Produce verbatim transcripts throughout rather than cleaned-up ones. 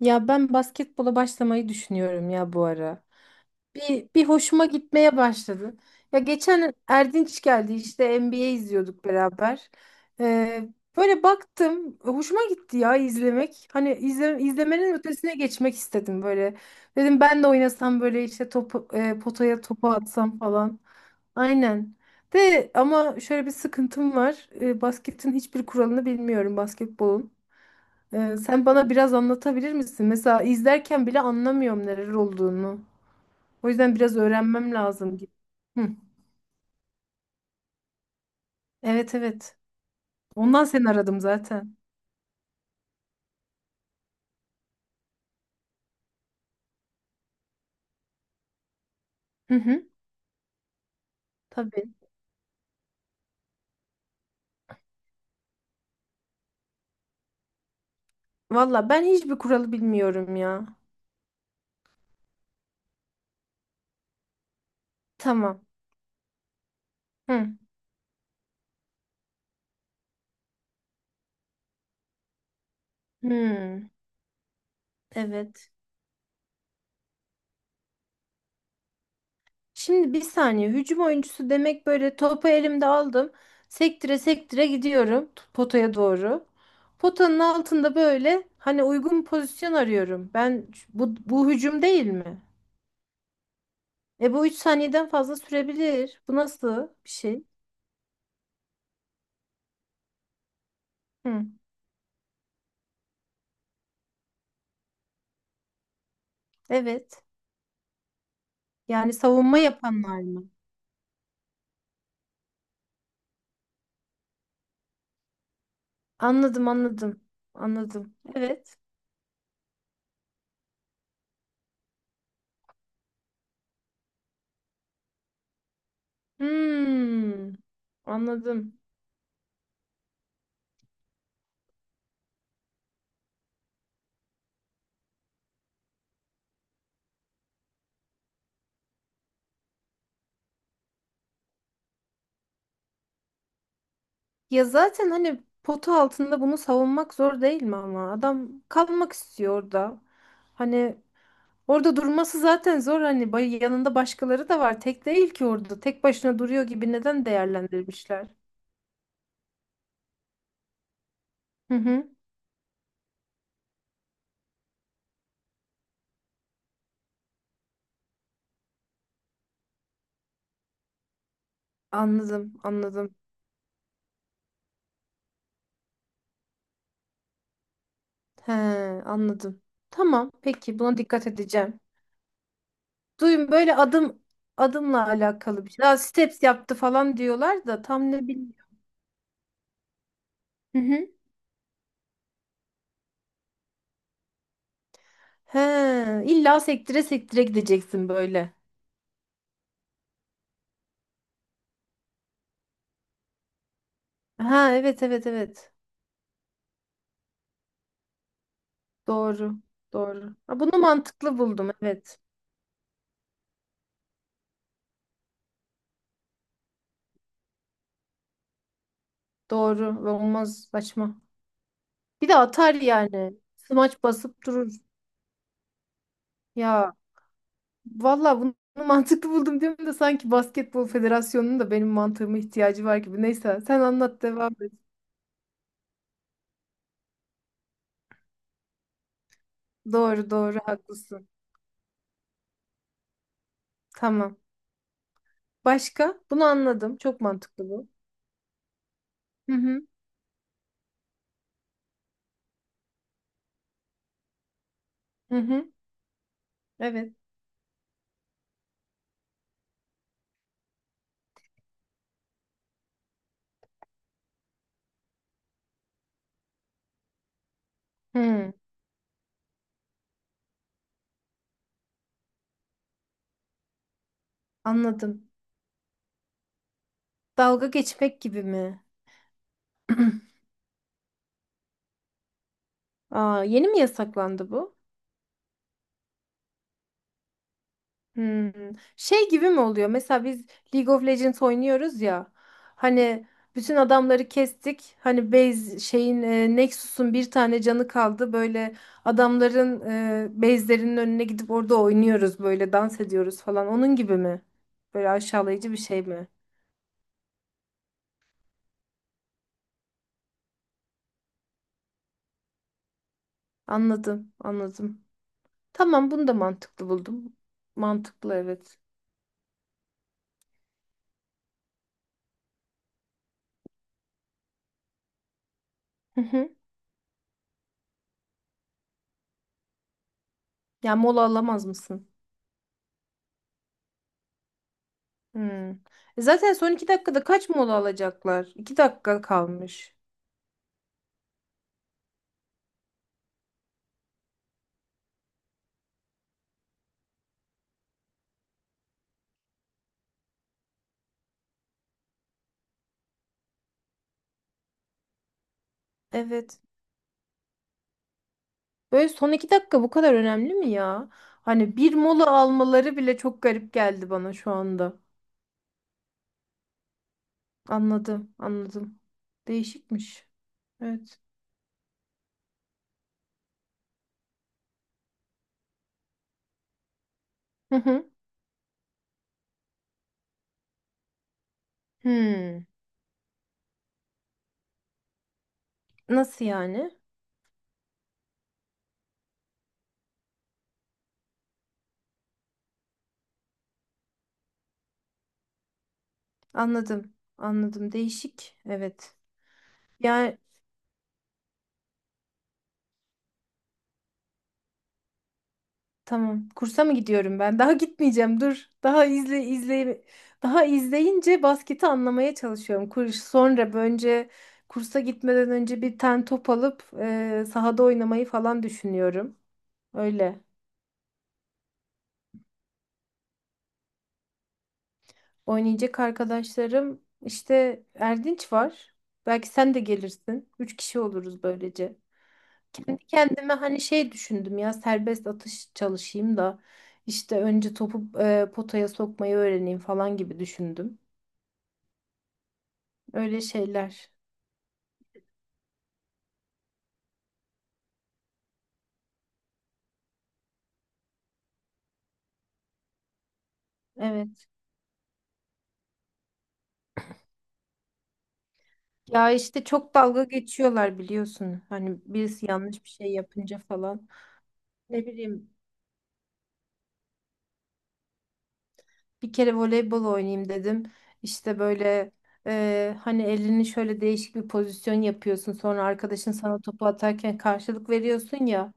Ya ben basketbola başlamayı düşünüyorum ya bu ara. Bir, bir hoşuma gitmeye başladı. Ya geçen Erdinç geldi işte N B A izliyorduk beraber. Ee, böyle baktım hoşuma gitti ya izlemek. Hani izle, izlemenin ötesine geçmek istedim böyle. Dedim ben de oynasam böyle işte topu, e, potaya topu atsam falan. Aynen. De ama şöyle bir sıkıntım var. E, basketin hiçbir kuralını bilmiyorum basketbolun. Ee, sen bana biraz anlatabilir misin? Mesela izlerken bile anlamıyorum neler olduğunu. O yüzden biraz öğrenmem lazım gibi. Hı. Evet evet. Ondan seni aradım zaten. Hı hı. Tabii. Valla ben hiçbir kuralı bilmiyorum ya. Tamam. Hı. Hı. Evet. Şimdi bir saniye. Hücum oyuncusu demek böyle topu elimde aldım. Sektire sektire gidiyorum t- potaya doğru. Potanın altında böyle hani uygun pozisyon arıyorum. Ben bu bu hücum değil mi? E bu üç saniyeden fazla sürebilir. Bu nasıl bir şey? Hı, evet. Yani savunma yapanlar mı? Anladım, anladım. Anladım. Evet. Hmm, anladım. Ya zaten hani potu altında bunu savunmak zor değil mi ama? Adam kalmak istiyor orada. Hani orada durması zaten zor. Hani bay- yanında başkaları da var. Tek değil ki orada. Tek başına duruyor gibi neden değerlendirmişler? Hı hı. Anladım, anladım. He, anladım. Tamam, peki buna dikkat edeceğim. Duyun böyle adım adımla alakalı bir şey. Daha steps yaptı falan diyorlar da tam ne bilmiyorum. Hı hı. He, illa sektire sektire gideceksin böyle. Ha, evet evet evet. Doğru. Doğru. Ha, bunu mantıklı buldum, evet. Doğru ve olmaz, saçma. Bir de atar yani. Smaç basıp durur. Ya, valla bunu mantıklı buldum diyorum da sanki Basketbol Federasyonu'nun da benim mantığıma ihtiyacı var gibi. Neyse sen anlat, devam et. Doğru doğru, haklısın. Tamam. Başka? Bunu anladım. Çok mantıklı bu. Hı hı. Hı hı. Evet. Hı. Anladım. Dalga geçmek gibi mi? Aa, yeni mi yasaklandı bu? Hmm. Şey gibi mi oluyor? Mesela biz League of Legends oynuyoruz ya. Hani bütün adamları kestik. Hani base şeyin e, Nexus'un bir tane canı kaldı. Böyle adamların e, base'lerinin önüne gidip orada oynuyoruz, böyle dans ediyoruz falan. Onun gibi mi? Böyle aşağılayıcı bir şey mi? Anladım, anladım. Tamam, bunu da mantıklı buldum. Mantıklı, evet. Hı hı. Ya mola alamaz mısın? Hmm. E Zaten son iki dakikada kaç mola alacaklar? iki dakika kalmış. Evet. Böyle son iki dakika bu kadar önemli mi ya? Hani bir mola almaları bile çok garip geldi bana şu anda. Anladım, anladım. Değişikmiş. Evet. Hı hı. Hmm. Nasıl yani? Anladım, anladım. Değişik. Evet. Yani tamam. Kursa mı gidiyorum ben? Daha gitmeyeceğim. Dur. Daha izle izle, daha izleyince basketi anlamaya çalışıyorum. Kurs sonra önce kursa gitmeden önce bir ten top alıp e, sahada oynamayı falan düşünüyorum. Öyle. Oynayacak arkadaşlarım işte Erdinç var. Belki sen de gelirsin. Üç kişi oluruz böylece. Kendi kendime hani şey düşündüm ya, serbest atış çalışayım da işte önce topu e, potaya sokmayı öğreneyim falan gibi düşündüm. Öyle şeyler. Evet. Ya işte çok dalga geçiyorlar biliyorsun. Hani birisi yanlış bir şey yapınca falan. Ne bileyim, bir kere voleybol oynayayım dedim. İşte böyle e, hani elini şöyle değişik bir pozisyon yapıyorsun. Sonra arkadaşın sana topu atarken karşılık veriyorsun ya.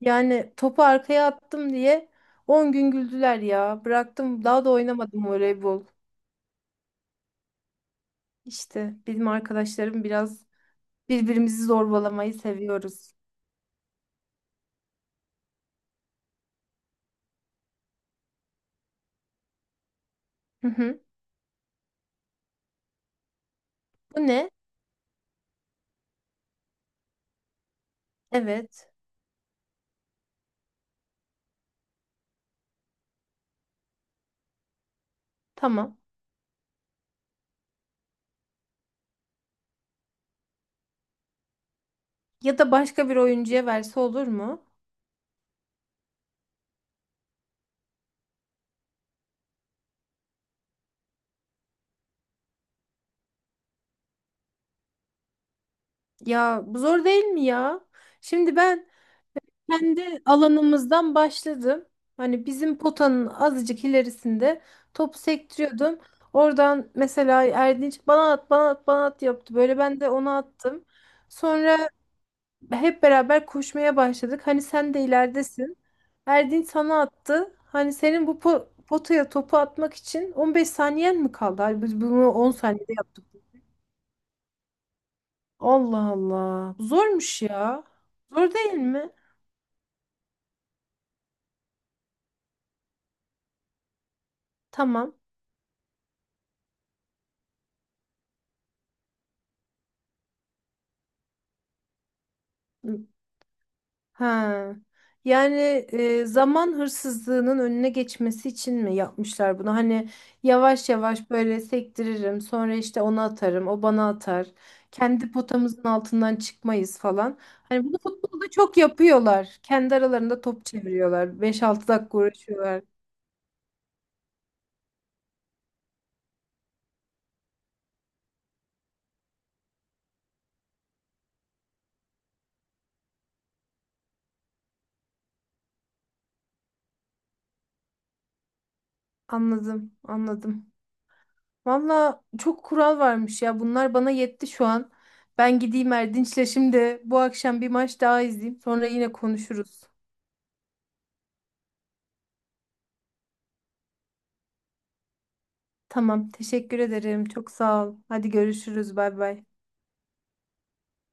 Yani topu arkaya attım diye on gün güldüler ya. Bıraktım, daha da oynamadım voleybol. İşte bizim arkadaşlarım biraz birbirimizi zorbalamayı seviyoruz. Hı hı. Bu ne? Evet. Tamam. Ya da başka bir oyuncuya verse olur mu? Ya bu zor değil mi ya? Şimdi ben kendi alanımızdan başladım. Hani bizim potanın azıcık ilerisinde topu sektiriyordum. Oradan mesela Erdinç bana at bana at bana at yaptı. Böyle ben de ona attım. Sonra hep beraber koşmaya başladık. Hani sen de ileridesin. Erdin sana attı. Hani senin bu po- potaya topu atmak için on beş saniyen mi kaldı? Hani biz bunu on saniyede yaptık. Allah Allah. Zormuş ya. Zor değil mi? Tamam. Ha. Yani e, zaman hırsızlığının önüne geçmesi için mi yapmışlar bunu? Hani yavaş yavaş böyle sektiririm, sonra işte ona atarım, o bana atar. Kendi potamızın altından çıkmayız falan. Hani bunu futbolda çok yapıyorlar. Kendi aralarında top çeviriyorlar. Beş altı dakika uğraşıyorlar. Anladım, anladım. Valla çok kural varmış ya. Bunlar bana yetti şu an. Ben gideyim Erdinç'le şimdi bu akşam bir maç daha izleyeyim. Sonra yine konuşuruz. Tamam, teşekkür ederim. Çok sağ ol. Hadi görüşürüz. Bay bay.